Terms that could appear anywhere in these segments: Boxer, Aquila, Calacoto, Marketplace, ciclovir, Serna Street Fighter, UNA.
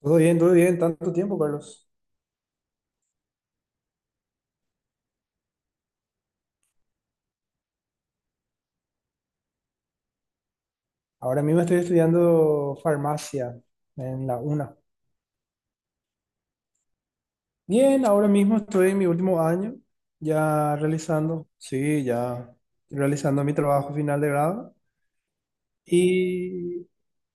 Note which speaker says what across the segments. Speaker 1: Todo bien, tanto tiempo, Carlos. Ahora mismo estoy estudiando farmacia en la UNA. Bien, ahora mismo estoy en mi último año, ya realizando, sí, ya realizando mi trabajo final de grado. Y,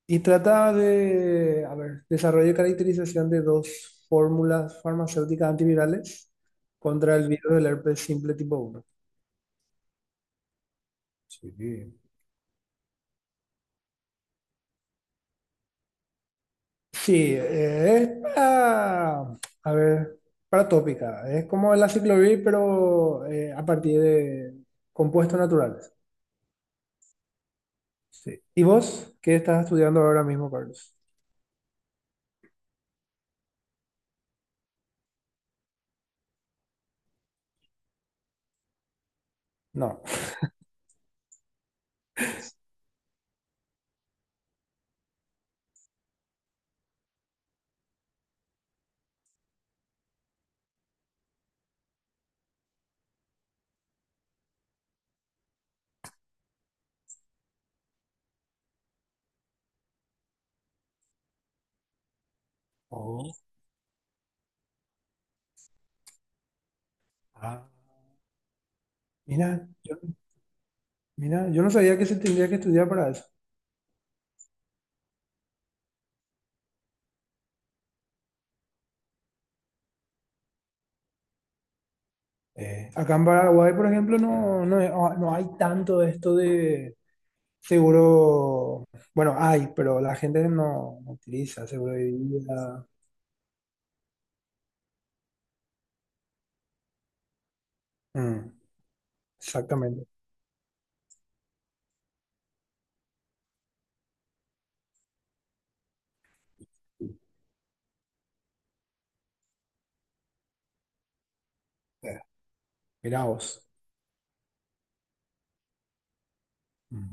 Speaker 1: y trata de, a ver, desarrollo y caracterización de dos fórmulas farmacéuticas antivirales contra el virus del herpes simple tipo uno. Sí. Sí, es para, a ver, para tópica. Es como la ciclovir, pero a partir de compuestos naturales. Sí. ¿Y vos qué estás estudiando ahora mismo, Carlos? No. Oh, ah, mira, yo, mira, yo no sabía que se tendría que estudiar para eso. Acá en Paraguay, por ejemplo, no, no, es- ah, no hay tanto esto de seguro. Bueno, hay, pero la gente no, no utiliza seguro de vida. Mm, exactamente. Mirá vos. Mm.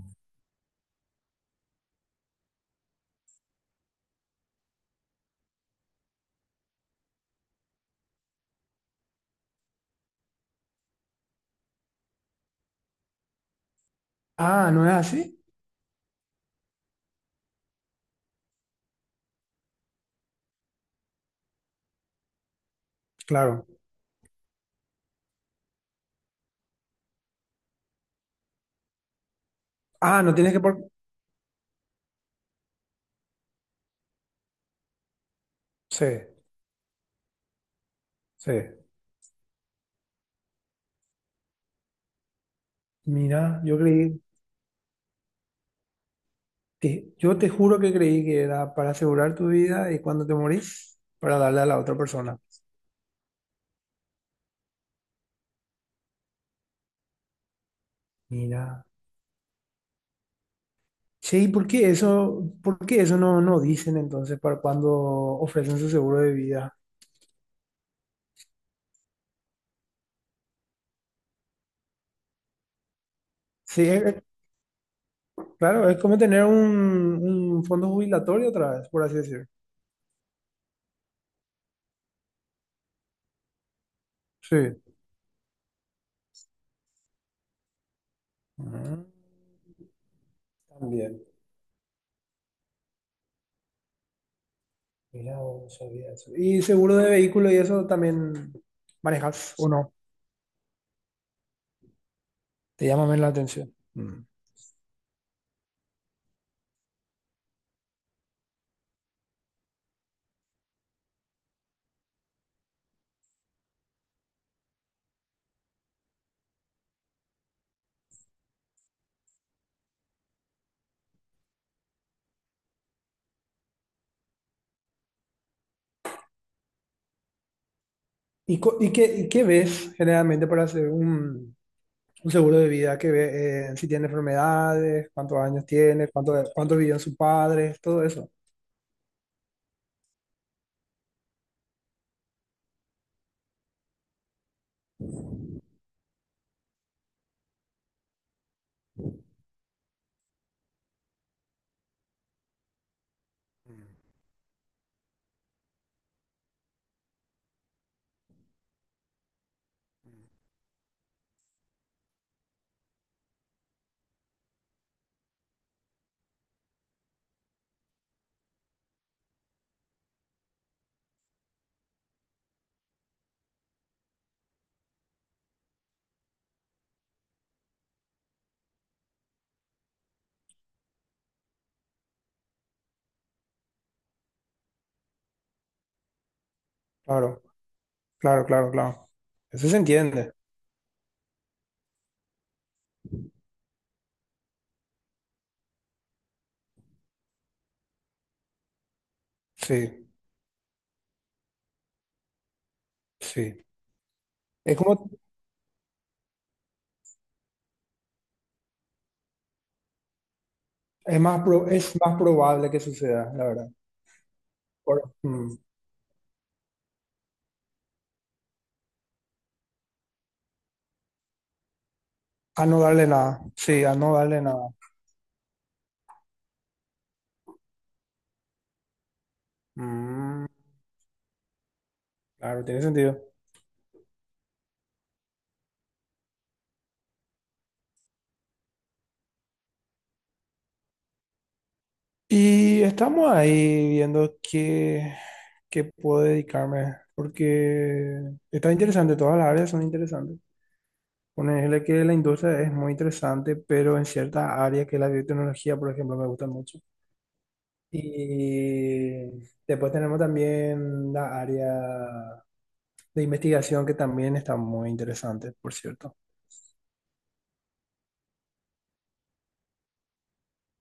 Speaker 1: Ah, ¿no es así? Claro. Ah, no tienes que por... Sí, sí. Mira, yo creí, que- yo te juro que creí que era para asegurar tu vida y cuando te morís, para darle a la otra persona. Mira. Sí, ¿y por qué eso no, no dicen entonces para cuando ofrecen su seguro de vida? Sí, es- claro, es como tener un fondo jubilatorio otra vez, por así decir. Sí. Mm. También. Mira, no sabía eso. Y seguro de vehículo y eso también manejas o no. Te llama menos la atención. Mm. ¿Y, co- y qué ves generalmente para hacer un seguro de vida? ¿Qué ve, si tiene enfermedades, cuántos años tiene, cuánto, cuánto vivió en sus padres, todo eso. Claro, claro, claro, claro. Eso se entiende. Sí, sí. Es como, es más, pro- es más probable que suceda, la verdad. Por- mm, a no darle nada. Sí, a no darle nada. Mm, claro, tiene sentido. Y estamos ahí viendo qué, qué puedo dedicarme, porque está interesante, todas las áreas son interesantes. Ponerle que la industria es muy interesante, pero en ciertas áreas que la biotecnología, por ejemplo, me gusta mucho. Y después tenemos también la área de investigación que también está muy interesante, por cierto.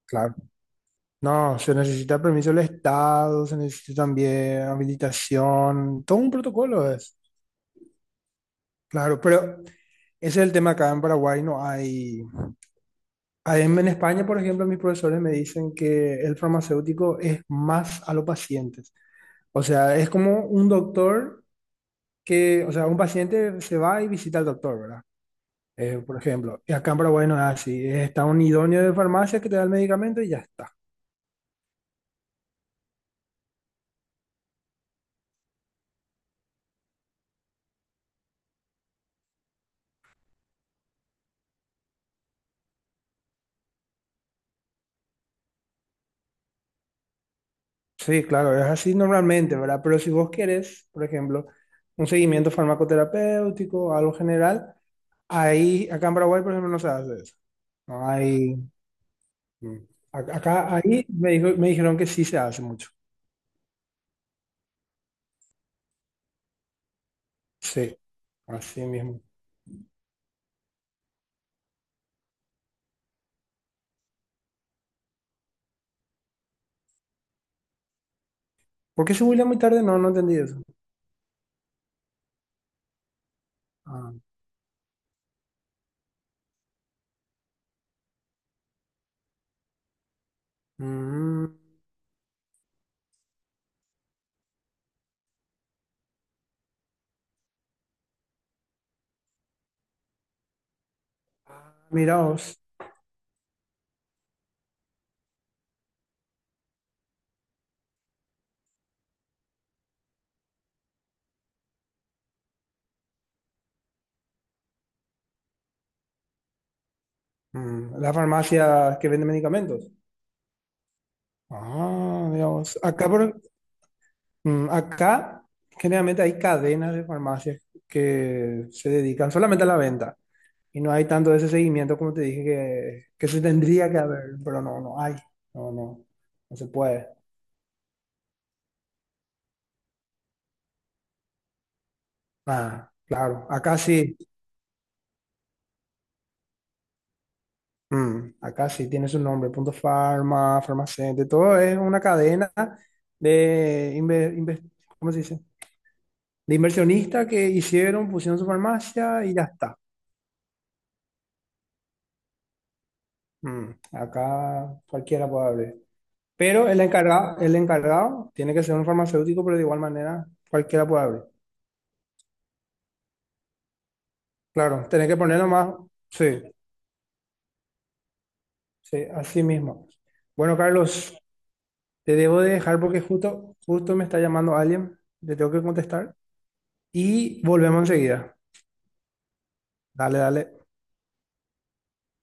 Speaker 1: Claro. No, se necesita permiso del Estado, se necesita también habilitación, todo un protocolo es. Claro, pero ese es el tema acá en Paraguay, no hay... hay- en España, por ejemplo, mis profesores me dicen que el farmacéutico es más a los pacientes. O sea, es como un doctor que, o sea, un paciente se va y visita al doctor, ¿verdad? Por ejemplo, y acá en Paraguay no es así. Está un idóneo de farmacia que te da el medicamento y ya está. Sí, claro, es así normalmente, ¿verdad? Pero si vos querés, por ejemplo, un seguimiento farmacoterapéutico, algo general, ahí, acá en Paraguay, por ejemplo, no se hace eso. No hay. Mm. Ac- Acá, ahí me dijo- me dijeron que sí se hace mucho. Sí, así mismo. ¿Por qué se huila muy tarde? No, no entendí eso. Ah. Mm, mira vos. Mm, la farmacia que vende medicamentos. Ah, mira vos. Acá, por, mm, acá generalmente hay cadenas de farmacias que se dedican solamente a la venta. Y no hay tanto de ese seguimiento como te dije que se tendría que haber, pero no, no hay. No, no, no se puede. Ah, claro. Acá sí. Mm, acá sí tiene su nombre, Punto Farma, Farmacéutico, todo es una cadena de, inve- inve- ¿cómo se dice? De inversionistas que hicieron, pusieron su farmacia y ya está. Mm, acá cualquiera puede abrir. Pero el encargado tiene que ser un farmacéutico, pero de igual manera cualquiera puede abrir. Claro, tenés que poner nomás, sí, sí, así mismo. Bueno, Carlos, te debo de dejar porque justo, justo me está llamando alguien, le tengo que contestar y volvemos enseguida. Dale, dale.